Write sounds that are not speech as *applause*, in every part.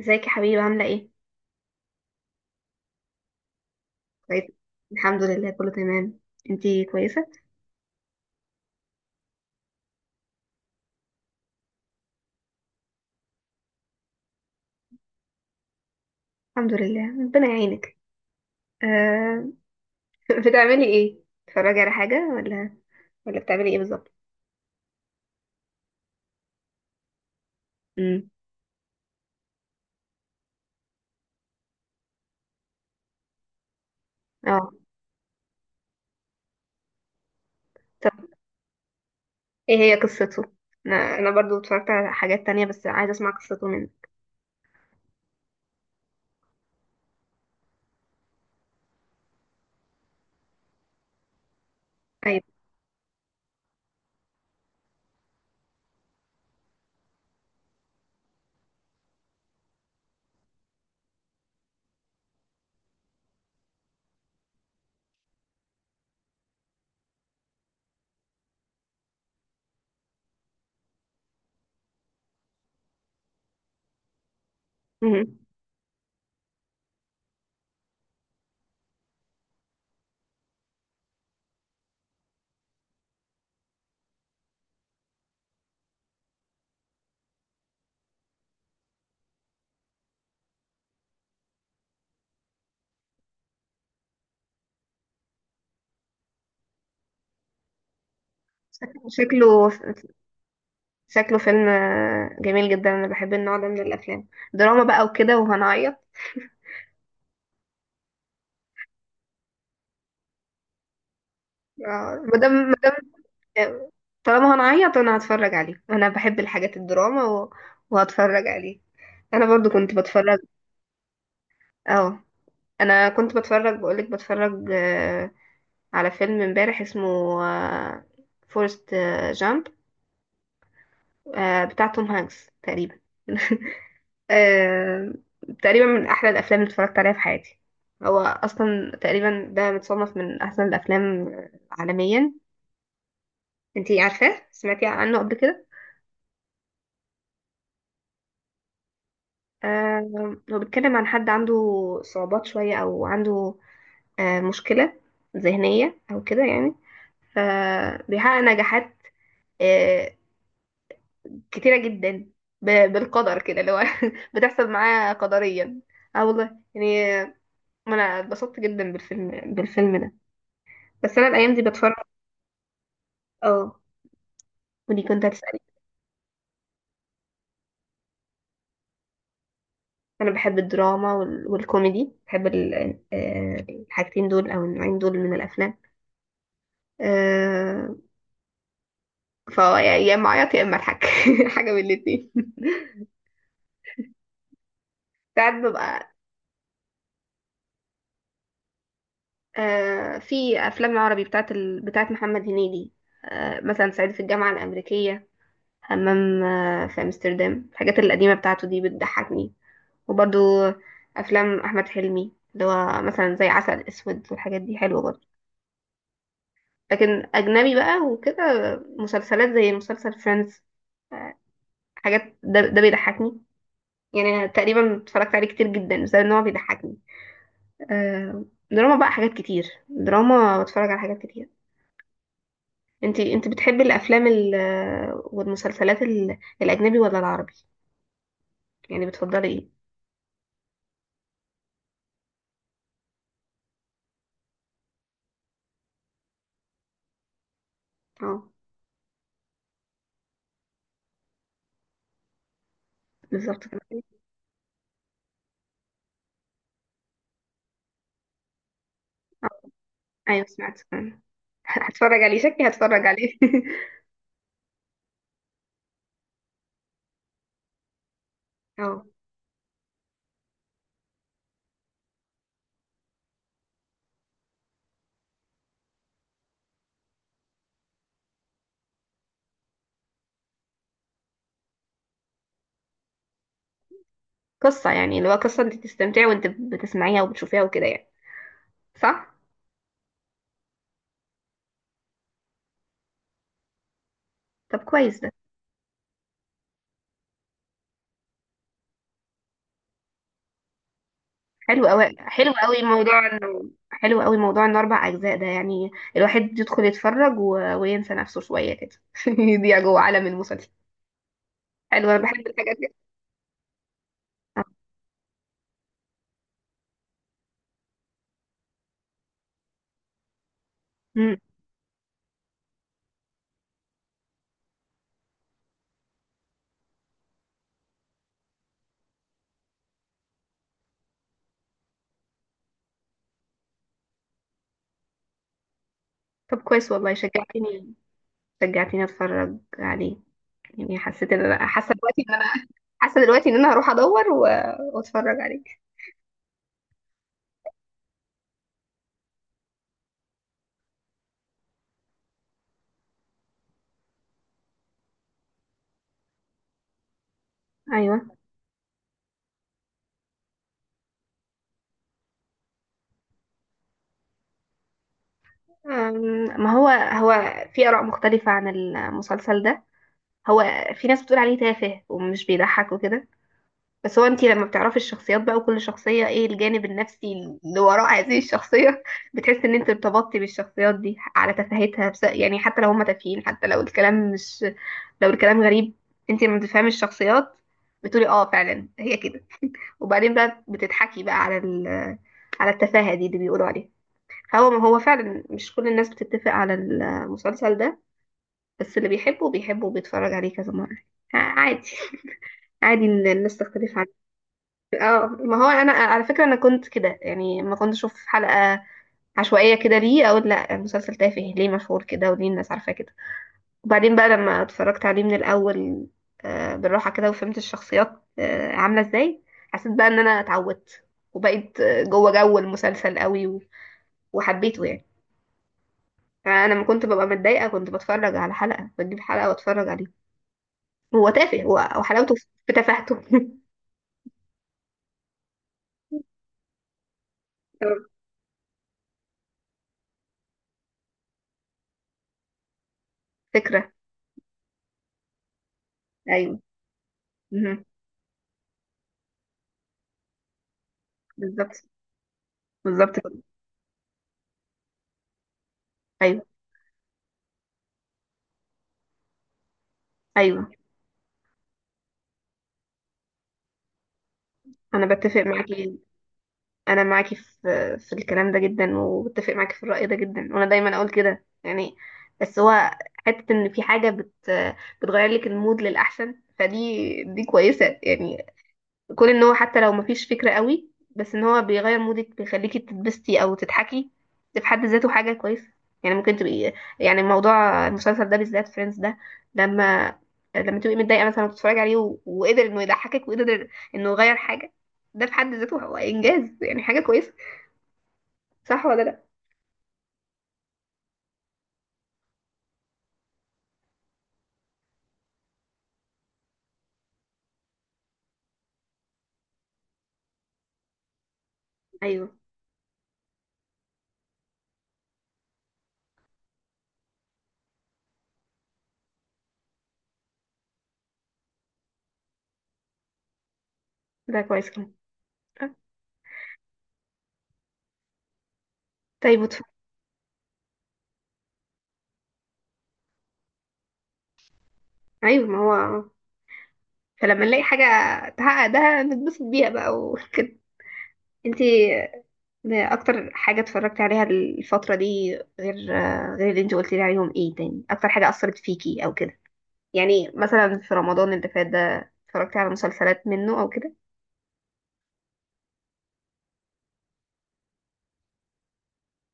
ازيك يا حبيبي، عاملة ايه؟ كويس، الحمد لله كله تمام. انتي كويسة؟ الحمد لله، ربنا يعينك. آه. *laughs* بتعملي ايه؟ بتتفرجي على حاجة ولا بتعملي ايه بالظبط؟ امم اه. طب ايه هي قصته؟ انا برضو اتفرجت على حاجات تانية، بس عايزة اسمع قصته منه. ايوه. مم. شك- شكله شكله فيلم جميل جدا، انا بحب النوع ده من الافلام، دراما بقى وكده وهنعيط. آه، مادام مادام طالما هنعيط انا هتفرج عليه، انا بحب الحاجات الدراما وهتفرج عليه. انا برضو كنت بتفرج. اه، انا كنت بتفرج، بقولك بتفرج على فيلم امبارح اسمه فورست جامب بتاع توم هانكس تقريبا. *laughs* آه، تقريبا من احلى الافلام اللي اتفرجت عليها في حياتي، هو اصلا تقريبا ده متصنف من احسن الافلام عالميا. انتي عارفاه؟ سمعتي عنه قبل كده؟ هو بيتكلم عن حد عنده صعوبات شوية، أو عنده مشكلة ذهنية أو كده يعني، فبيحقق نجاحات آه، كتيرة جدا، بالقدر كده اللي هو *laughs* بتحصل معاه قدريا. اه والله، يعني أنا اتبسطت جدا بالفيلم ده. بس أنا الأيام دي بتفرج. اه، ودي كنت هتسألي. أنا بحب الدراما والكوميدي، بحب الحاجتين دول، أو النوعين دول من الأفلام. آه، فهو يا اما اعيط يا اما اضحك، *laughs* حاجه من الاتنين. ساعات ببقى في افلام عربي بتاعت بتاعت محمد هنيدي، مثلا صعيدي في الجامعه الامريكيه، همام في امستردام، الحاجات القديمه بتاعته دي بتضحكني. وبرضو افلام احمد حلمي، اللي هو مثلا زي عسل اسود والحاجات دي، حلوه برضو. لكن اجنبي بقى وكده، مسلسلات زي مسلسل فريندز، حاجات ده بيضحكني. يعني أنا تقريبا اتفرجت عليه كتير جدا بسبب ان هو بيضحكني. آه، دراما بقى حاجات كتير، دراما بتفرج على حاجات كتير. انت بتحبي الافلام والمسلسلات الاجنبي ولا العربي؟ يعني بتفضلي ايه؟ اه. بالظبط كده. اه. ايوه، سمعت كمان. *laughs* هتفرج عليه، شكلي هتفرج عليه. *laughs* اه. قصة يعني اللي هو قصة انت تستمتعي وانت بتسمعيها وبتشوفيها وكده يعني. صح. طب كويس ده. حلو قوي موضوع انه، حلو قوي موضوع انه اربع اجزاء، ده يعني الواحد يدخل يتفرج وينسى نفسه شوية كده، *laughs* يضيع جوه عالم المسلسل. حلو، انا بحب الحاجات دي. آه. مم. طب كويس والله، شجعتني اتفرج عليه، يعني حسيت ان انا، حاسه دلوقتي ان انا هروح ادور واتفرج عليه. ايوه. أم، ما هو في اراء مختلفه عن المسلسل ده. هو في ناس بتقول عليه تافه ومش بيضحك وكده، بس هو انتي لما بتعرفي الشخصيات بقى، وكل شخصية ايه الجانب النفسي اللي وراء هذه الشخصية، *laughs* بتحسي ان انت ارتبطتي بالشخصيات دي على تفاهتها، بس يعني حتى لو هما تافهين، حتى لو الكلام مش لو الكلام غريب، انتي لما بتفهمي الشخصيات بتقولي اه فعلا هي كده، وبعدين بقى بتضحكي بقى على على التفاهة دي اللي بيقولوا عليها. فهو فعلا مش كل الناس بتتفق على المسلسل ده، بس اللي بيحبه بيحبه وبيتفرج عليه كذا مرة. عادي، عادي ان الناس تختلف. اه، ما هو انا على فكره انا كنت كده يعني، ما كنت اشوف حلقه عشوائيه كده، ليه اقول لا المسلسل تافه، ليه مشهور كده وليه الناس عارفاه كده؟ وبعدين بقى لما اتفرجت عليه من الاول بالراحه كده، وفهمت الشخصيات عامله ازاي، حسيت بقى ان انا اتعودت، وبقيت جوه جو المسلسل قوي وحبيته يعني. انا لما كنت ببقى متضايقه، كنت بتفرج على حلقه، بجيب حلقه واتفرج عليه. هو تافه، هو وحلاوته في تفاهته. *laughs* فكره. ايوه، مهم. بالظبط. بالظبط كده. ايوه. ايوه، انا بتفق معاكي، انا معاكي في الكلام ده جدا، وبتفق معاكي في الرأي ده جدا، وانا دايما اقول كده يعني. بس هو حتة ان في حاجة بتغير لك المود للأحسن، فدي كويسة يعني. كون ان هو حتى لو مفيش فكرة قوي، بس ان هو بيغير مودك، بيخليكي تتبسطي او تضحكي، ده في حد ذاته حاجة كويسة، يعني ممكن تبقي، يعني موضوع المسلسل ده بالذات فريندز ده، لما تبقي متضايقة مثلا وتتفرجي عليه، وقدر انه يضحكك وقدر انه يغير حاجة، ده في حد ذاته هو انجاز، يعني حاجة كويسة. صح ولا لا؟ ايوه. ده كويس كمان. طيب، ايوه ما هو، فلما نلاقي حاجة تحقق ده نتبسط بيها بقى انتي، ده اكتر حاجه اتفرجت عليها الفتره دي، غير اللي انت قلت لي عليهم. ايه تاني اكتر حاجه اثرت فيكي او كده؟ يعني مثلا في رمضان اللي فات ده اتفرجت على مسلسلات منه او كده؟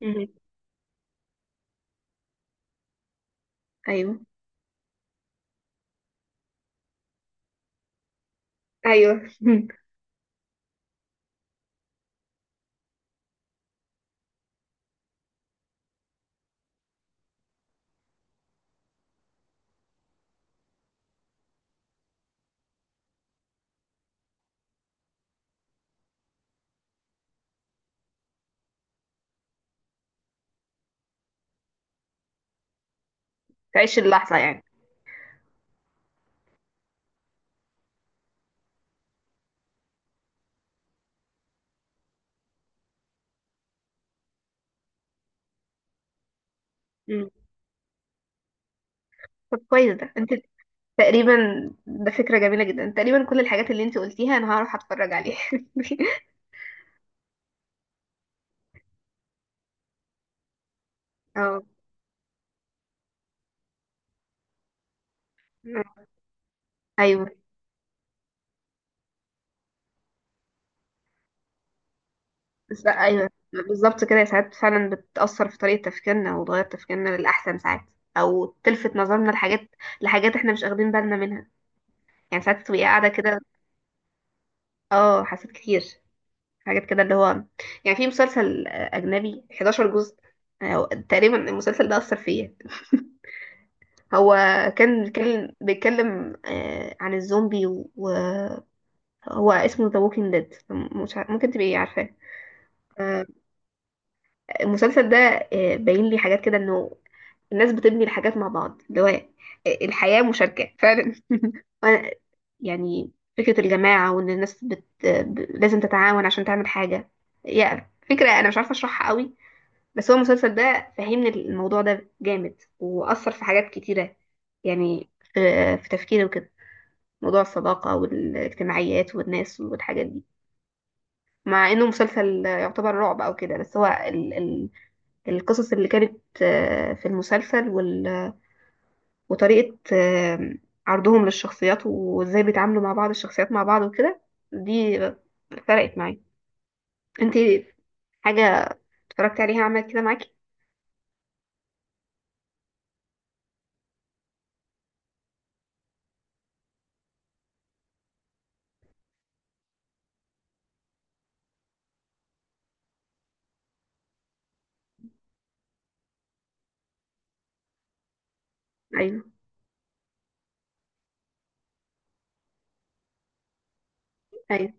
مم. ايوه، ايوه. *laughs* تعيش اللحظه يعني. مم. طب كويس ده. انت تقريبا، ده فكره جميله جدا، تقريبا كل الحاجات اللي انت قلتيها انا هروح اتفرج عليها. *laughs* اه. ايوه. بس لا، ايوه بالظبط كده، ساعات فعلا بتأثر في طريقة تفكيرنا وتغير تفكيرنا للأحسن ساعات، أو تلفت نظرنا لحاجات احنا مش واخدين بالنا منها. يعني ساعات تبقي قاعدة كده. اه، حسيت كتير حاجات كده اللي هو، يعني في مسلسل أجنبي 11 جزء، تقريبا المسلسل ده أثر فيا. *laughs* هو كان بيتكلم عن الزومبي، وهو اسمه ذا ووكينج ديد، ممكن تبقي عارفاه. آه، المسلسل ده باين لي حاجات كده، انه الناس بتبني الحاجات مع بعض، اللي هو الحياة مشاركة فعلا، *laughs* وأنا- يعني فكرة الجماعة، وإن الناس لازم تتعاون عشان تعمل حاجة. يعني فكرة أنا مش عارفة أشرحها قوي، بس هو المسلسل ده فهمني الموضوع ده جامد، وأثر في حاجات كتيرة، يعني في, في تفكيري وكده. موضوع الصداقة والاجتماعيات والناس والحاجات دي، مع إنه مسلسل يعتبر رعب أو كده، بس هو القصص اللي كانت في المسلسل وطريقة عرضهم للشخصيات، وازاي بيتعاملوا مع بعض، الشخصيات مع بعض وكده، دي فرقت معايا. انت حاجة اتفرجتي عليها عملت كده معاكي؟ ايوه. ايوه.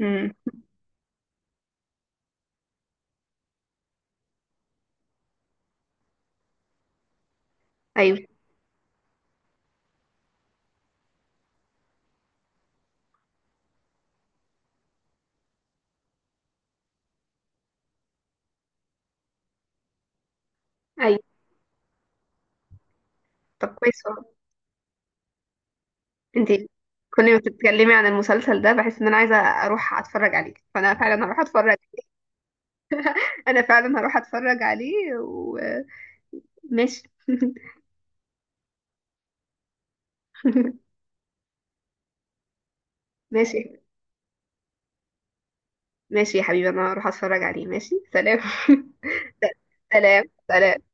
امم. ايوه. ايوه. طب كويس والله. انت كل ما بتتكلمي عن المسلسل ده بحس ان انا عايزة اروح اتفرج عليه، فانا فعلا هروح اتفرج، انا فعلا هروح اتفرج عليه، وماشي. *laughs* ماشي. ماشي يا حبيبي، انا هروح اتفرج عليه. ماشي، سلام. *laughs* سلام، سلام.